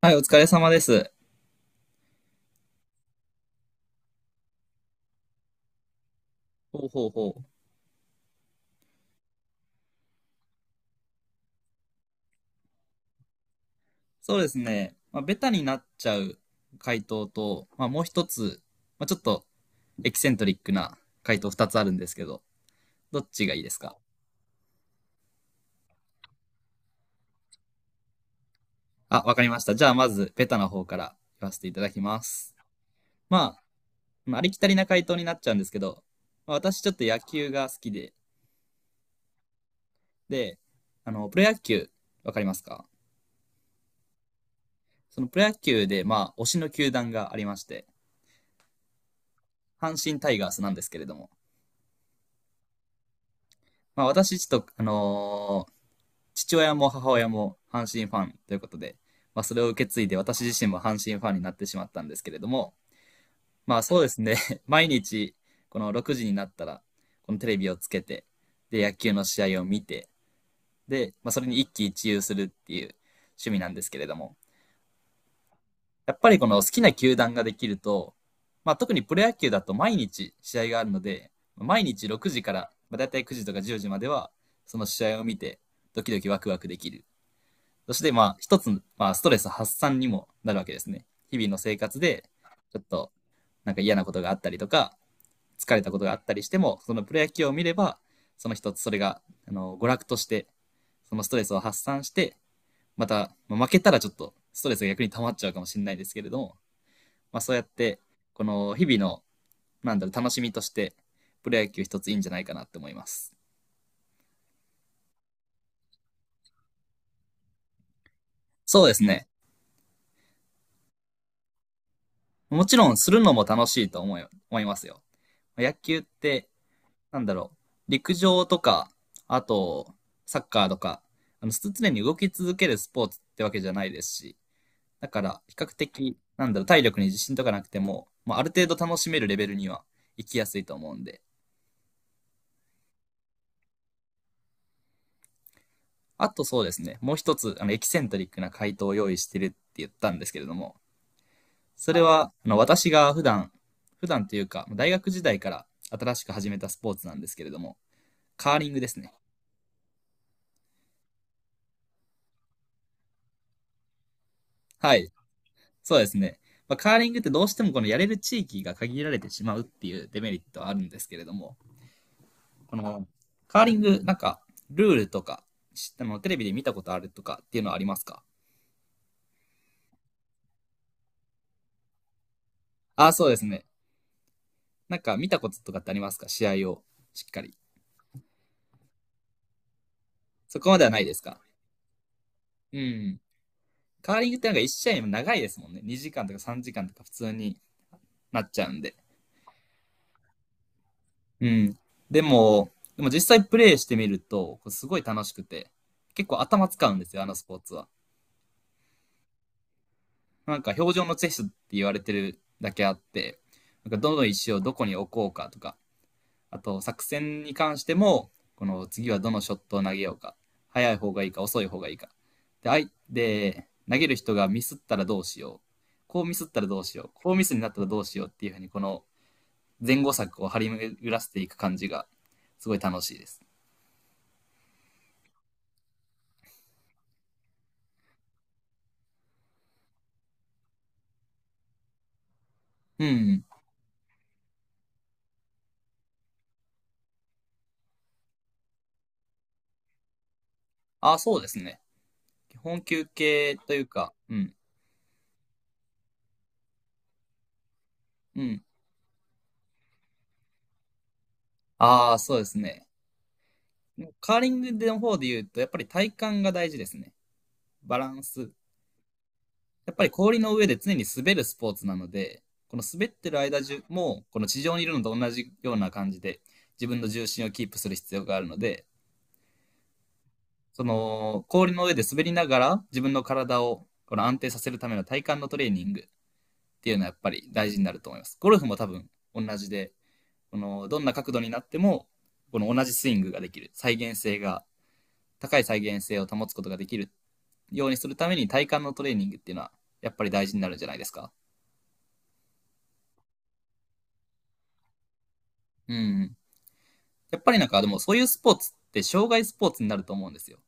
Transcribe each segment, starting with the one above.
はい、お疲れ様です。ほうほうほう。そうですね。ベタになっちゃう回答と、もう一つ、ちょっとエキセントリックな回答二つあるんですけど、どっちがいいですか？あ、わかりました。じゃあ、まず、ベタな方から言わせていただきます。まあ、まあ、ありきたりな回答になっちゃうんですけど、私ちょっと野球が好きで、で、プロ野球、わかりますか？そのプロ野球で、推しの球団がありまして、阪神タイガースなんですけれども、私ちょっと、父親も母親も阪神ファンということで、それを受け継いで私自身も阪神ファンになってしまったんですけれども、まあそうですね、毎日この6時になったら、このテレビをつけて、で、野球の試合を見て、で、それに一喜一憂するっていう趣味なんですけれども、やっぱりこの好きな球団ができると、特にプロ野球だと毎日試合があるので、毎日6時から、だいたい9時とか10時までは、その試合を見て、ドキドキワクワクできる。そして、一つ、ストレス発散にもなるわけですね。日々の生活で、ちょっと、なんか嫌なことがあったりとか、疲れたことがあったりしても、そのプロ野球を見れば、その一つ、それが、娯楽として、そのストレスを発散して、また、まあ負けたらちょっと、ストレスが逆に溜まっちゃうかもしれないですけれども、そうやって、この、日々の、なんだろう、楽しみとして、プロ野球一ついいんじゃないかなって思います。そうですね。もちろん、するのも楽しいと思いますよ。野球って、なんだろう、陸上とか、あと、サッカーとか、常に動き続けるスポーツってわけじゃないですし、だから、比較的、なんだろう、体力に自信とかなくても、ある程度楽しめるレベルには行きやすいと思うんで、あとそうですね、もう一つ、エキセントリックな回答を用意してるって言ったんですけれども、それは、私が普段、普段というか、大学時代から新しく始めたスポーツなんですけれども、カーリングですね。はい。そうですね。カーリングってどうしてもこのやれる地域が限られてしまうっていうデメリットはあるんですけれども、このカーリング、なんかルールとか、しテレビで見たことあるとかっていうのはありますか？ああ、そうですね。なんか見たこととかってありますか、試合をしっかり。そこまではないですか？うん。カーリングってなんか1試合も長いですもんね。2時間とか3時間とか普通になっちゃうんで。うん。でも、でも実際プレイしてみると、こうすごい楽しくて、結構頭使うんですよ、あのスポーツは。なんか表情のチェスって言われてるだけあって、なんかどの石をどこに置こうかとか、あと作戦に関しても、この次はどのショットを投げようか、早い方がいいか遅い方がいいか。で、あいで投げる人がミスったらどうしよう。こうミスったらどうしよう。こうミスになったらどうしようっていうふうに、この前後策を張り巡らせていく感じが、すごい楽しいです。うん。ああ、そうですね。基本休憩というか、うん。うん。ああ、そうですね。カーリングの方で言うと、やっぱり体幹が大事ですね。バランス。やっぱり氷の上で常に滑るスポーツなので、この滑ってる間中も、この地上にいるのと同じような感じで、自分の重心をキープする必要があるので、その氷の上で滑りながら自分の体をこの安定させるための体幹のトレーニングっていうのはやっぱり大事になると思います。ゴルフも多分同じで、このどんな角度になってもこの同じスイングができる、再現性が、高い再現性を保つことができるっようにするために体幹のトレーニングっていうのは、やっぱり大事になるんじゃないですか。うん。やっぱりなんか、でもそういうスポーツって、障害スポーツになると思うんですよ。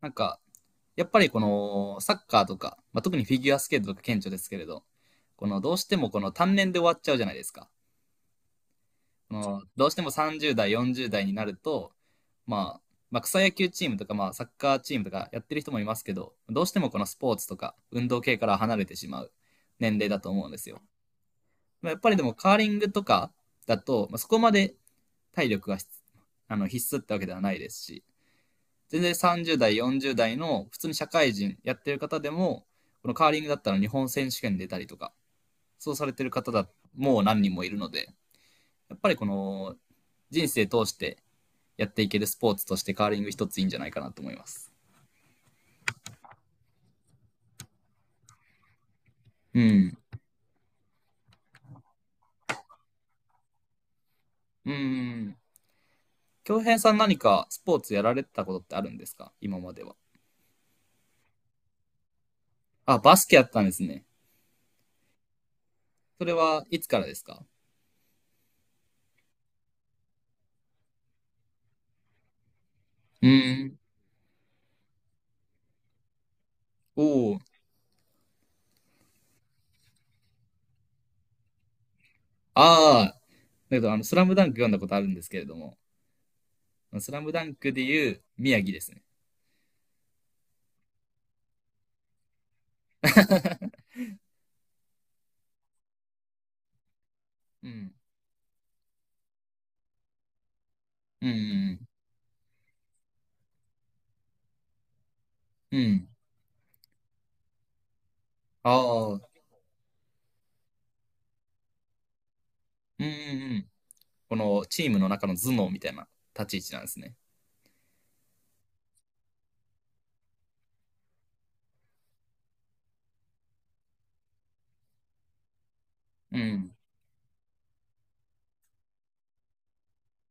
なんか、やっぱりこの、サッカーとか、特にフィギュアスケートとか顕著ですけれど、この、どうしてもこの単年で終わっちゃうじゃないですか。この、どうしても30代、40代になると、まあ、まあ、草野球チームとか、サッカーチームとかやってる人もいますけど、どうしてもこのスポーツとか運動系から離れてしまう年齢だと思うんですよ。やっぱりでもカーリングとかだと、そこまで体力が必あの必須ってわけではないですし、全然30代、40代の普通に社会人やってる方でも、このカーリングだったら日本選手権出たりとか、そうされてる方だもう何人もいるので、やっぱりこの人生通してやっていけるスポーツとしてカーリング一ついいんじゃないかなと思います。うん。うん。京平さん何かスポーツやられてたことってあるんですか、今までは。あ、バスケやったんですね。それはいつからですか？うん。おお、ああ、だけど、スラムダンク読んだことあるんですけれども、スラムダンクで言う宮城ですね。うん。うん。うん。うん。ああ、うんうんうん。このチームの中の頭脳みたいな立ち位置なんですね。うん。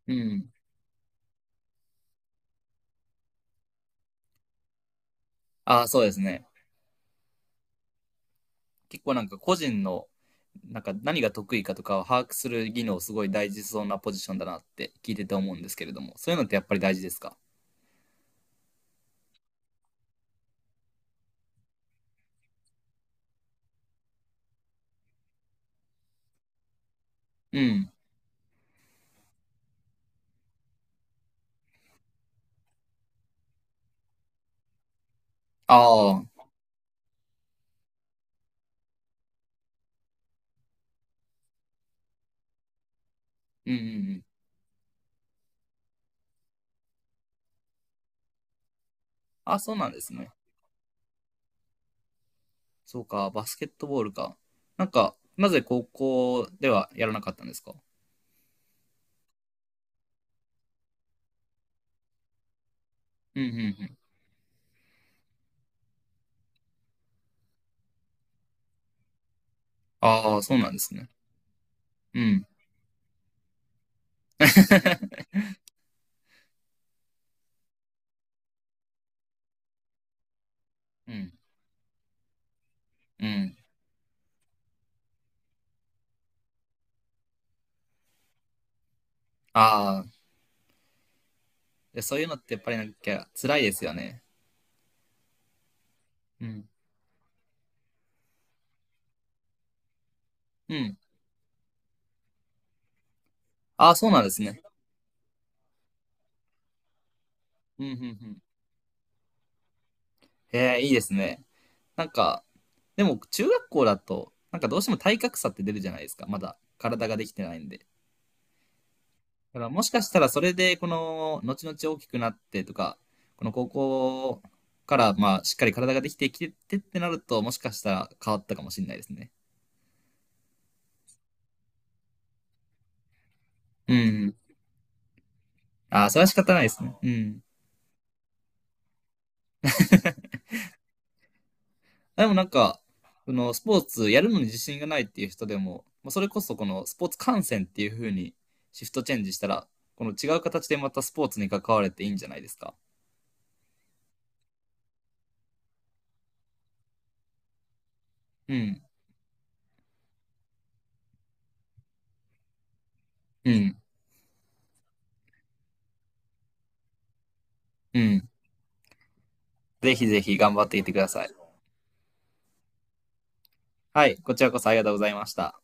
うん。ああ、そうですね。結構なんか個人の、なんか何が得意かとかを把握する技能すごい大事そうなポジションだなって聞いてて思うんですけれども、そういうのってやっぱり大事ですか？うん。ああ、うんうんうん。あ、そうなんですね。そうか、バスケットボールか。なんか、なぜ高校ではやらなかったんですか？うんうんうん。ああ、そうなんですね。うん。うん。うん。ああ、いやそういうのってやっぱりなんか辛いですよね。うん。うん。ああ、そうなんですね。うんうんうん。へえ、いいですね。なんか、でも中学校だと、なんかどうしても体格差って出るじゃないですか。まだ体ができてないんで。だからもしかしたらそれで、この、後々大きくなってとか、この高校から、しっかり体ができてきてってってなると、もしかしたら変わったかもしれないですね。うん。ああ、それは仕方ないですね。うん。でもなんか、その、スポーツやるのに自信がないっていう人でも、それこそこのスポーツ観戦っていう風にシフトチェンジしたら、この違う形でまたスポーツに関われていいんじゃないですか。うん。うん。うん。ぜひぜひ頑張っていってください。はい。こちらこそありがとうございました。